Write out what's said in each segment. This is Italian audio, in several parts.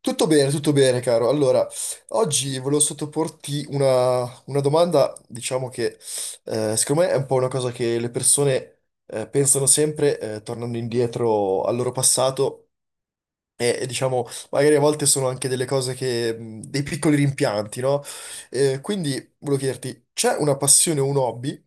Tutto bene, caro. Allora, oggi volevo sottoporti una domanda, diciamo che secondo me è un po' una cosa che le persone pensano sempre tornando indietro al loro passato e diciamo, magari a volte sono anche delle cose che, dei piccoli rimpianti, no? Quindi volevo chiederti, c'è una passione o un hobby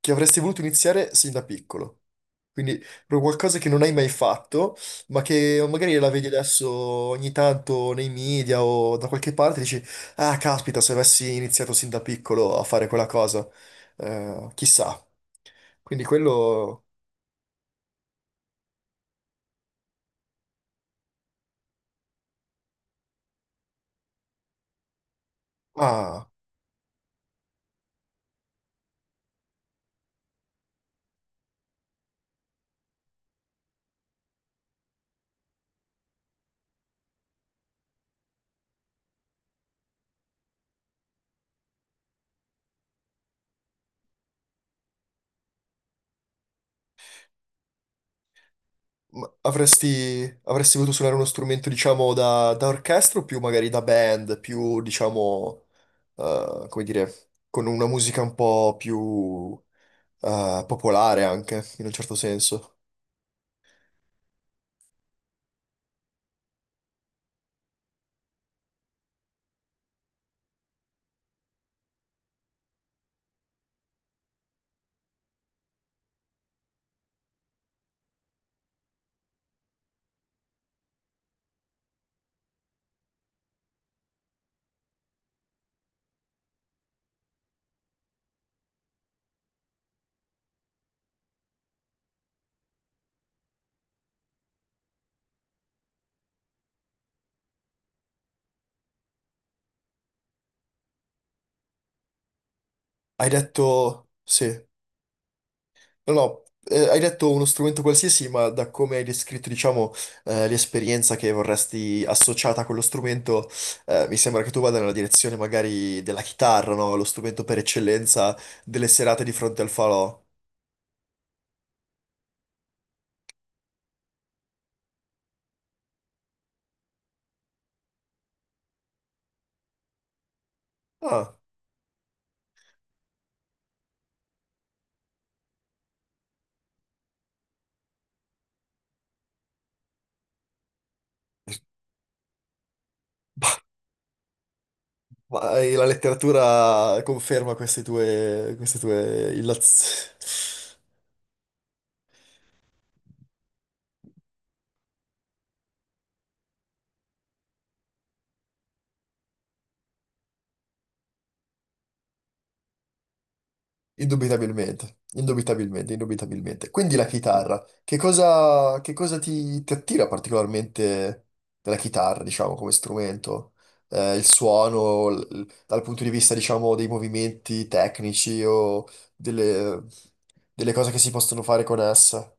che avresti voluto iniziare sin da piccolo? Quindi proprio qualcosa che non hai mai fatto, ma che magari la vedi adesso ogni tanto nei media o da qualche parte, dici, ah, caspita, se avessi iniziato sin da piccolo a fare quella cosa, chissà. Quindi quello... Ah. Avresti voluto suonare uno strumento, diciamo, da orchestra o più magari da band, più, diciamo, come dire, con una musica un po' più popolare anche, in un certo senso. Hai detto, sì, no, no, hai detto uno strumento qualsiasi, ma da come hai descritto, diciamo, l'esperienza che vorresti associata a quello strumento, mi sembra che tu vada nella direzione magari della chitarra, no? Lo strumento per eccellenza delle serate di fronte al falò. Ah, ma la letteratura conferma queste tue illaz- Indubitabilmente, indubitabilmente, indubitabilmente. Quindi la chitarra, che cosa ti, ti attira particolarmente della chitarra, diciamo, come strumento? Il suono, l- dal punto di vista, diciamo, dei movimenti tecnici o delle, delle cose che si possono fare con essa?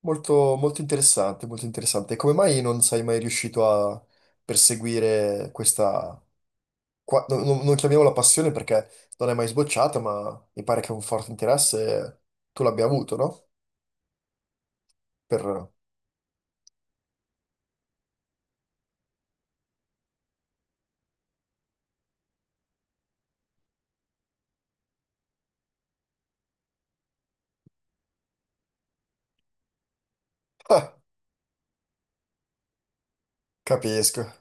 Molto, molto interessante, molto interessante. E come mai non sei mai riuscito a perseguire questa, qua- no- no- non chiamiamola passione perché non è mai sbocciata, ma mi pare che un forte interesse tu l'abbia avuto, no? Per... Ah, capisco.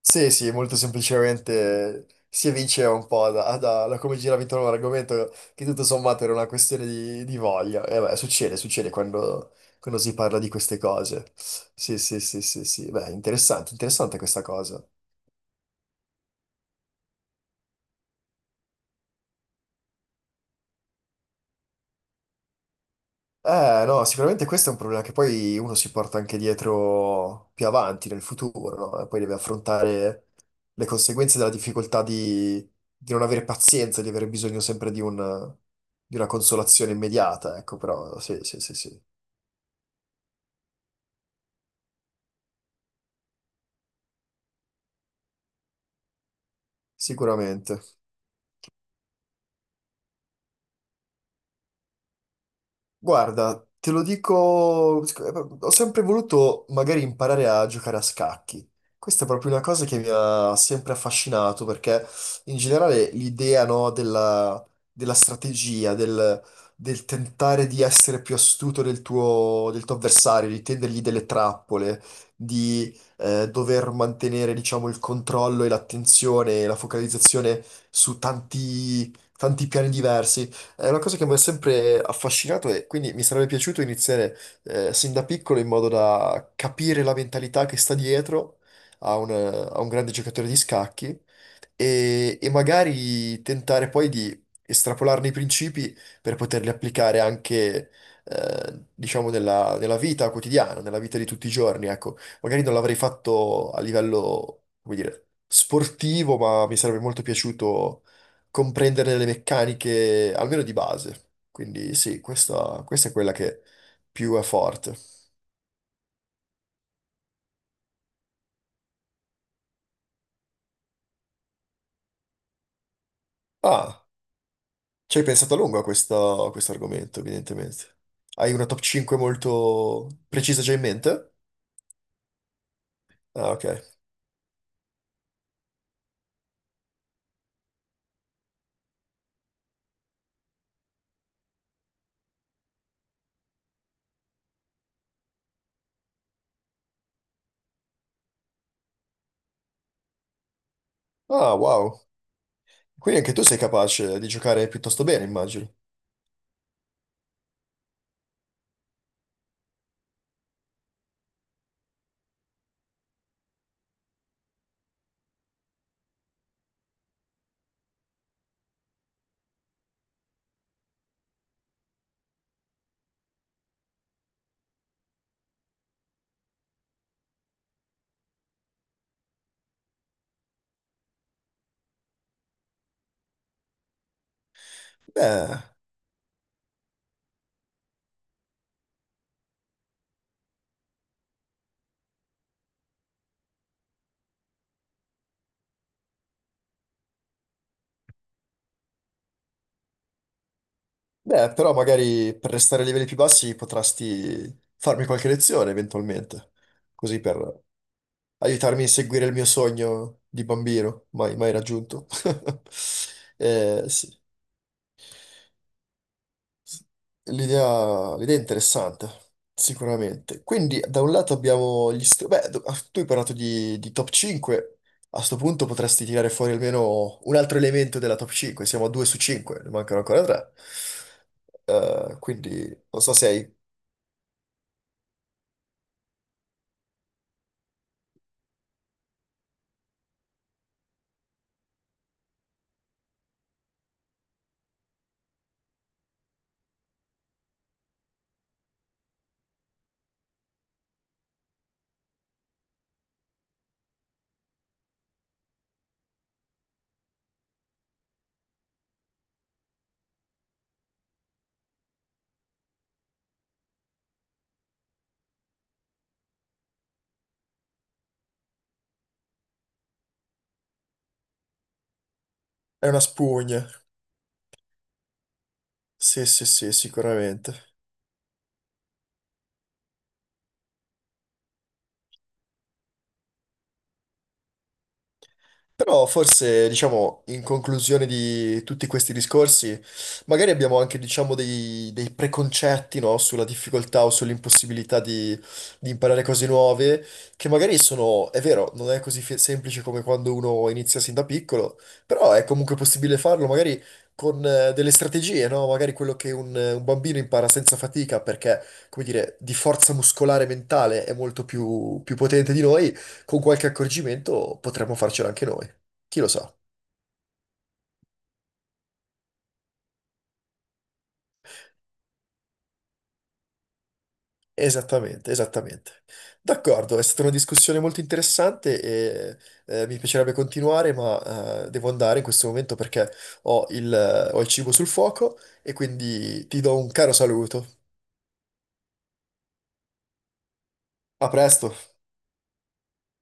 Sì, sì, molto semplicemente si evinceva un po' da, da- da come girava intorno all'argomento che tutto sommato era una questione di voglia. E beh, succede, succede quando, quando si parla di queste cose. Sì, sì, sì, sì, sì. Beh, interessante, interessante questa cosa. No, sicuramente questo è un problema che poi uno si porta anche dietro più avanti nel futuro, no? E poi deve affrontare le conseguenze della difficoltà di non avere pazienza, di avere bisogno sempre di un- di una consolazione immediata, ecco, però sì, sì, sì, sì, sicuramente. Guarda, te lo dico, ho sempre voluto magari imparare a giocare a scacchi. Questa è proprio una cosa che mi ha sempre affascinato perché in generale l'idea, no, della, della strategia, del, del tentare di essere più astuto del tuo avversario, di tendergli delle trappole, di dover mantenere, diciamo, il controllo e l'attenzione e la focalizzazione su tanti tanti piani diversi. È una cosa che mi ha sempre affascinato e quindi mi sarebbe piaciuto iniziare sin da piccolo in modo da capire la mentalità che sta dietro a un grande giocatore di scacchi e magari tentare poi di estrapolarne i principi per poterli applicare anche, diciamo, nella, nella vita quotidiana, nella vita di tutti i giorni. Ecco, magari non l'avrei fatto a livello, come dire, sportivo, ma mi sarebbe molto piaciuto comprendere le meccaniche, almeno di base. Quindi sì, questa è quella che più è forte. Ah, ci hai pensato a lungo a questo argomento, evidentemente. Hai una top 5 molto precisa già in mente? Ah, ok. Ah, wow. Quindi anche tu sei capace di giocare piuttosto bene, immagino. Beh, beh, però magari per restare a livelli più bassi potresti farmi qualche lezione eventualmente. Così per aiutarmi a seguire il mio sogno di bambino, mai, mai raggiunto. Sì. sì. L'idea è interessante, sicuramente. Quindi, da un lato abbiamo gli str- Beh, do- ah, tu hai parlato di top 5. A sto punto potresti tirare fuori almeno un altro elemento della top 5. Siamo a 2 su 5, ne mancano ancora 3. Quindi, non so se hai... È una spugna. Sì, sì, sì, sicuramente. Però forse, diciamo, in conclusione di tutti questi discorsi, magari abbiamo anche, diciamo, dei, dei preconcetti, no? Sulla difficoltà o sull'impossibilità di imparare cose nuove, che magari sono, è vero, non è così fe- semplice come quando uno inizia sin da piccolo, però è comunque possibile farlo, magari con delle strategie, no? Magari quello che un bambino impara senza fatica, perché, come dire, di forza muscolare e mentale è molto più potente di noi, con qualche accorgimento potremmo farcela anche noi. Chi lo sa? Esattamente, esattamente. D'accordo, è stata una discussione molto interessante e mi piacerebbe continuare, ma devo andare in questo momento perché ho il ho il cibo sul fuoco e quindi ti do un caro saluto. A presto!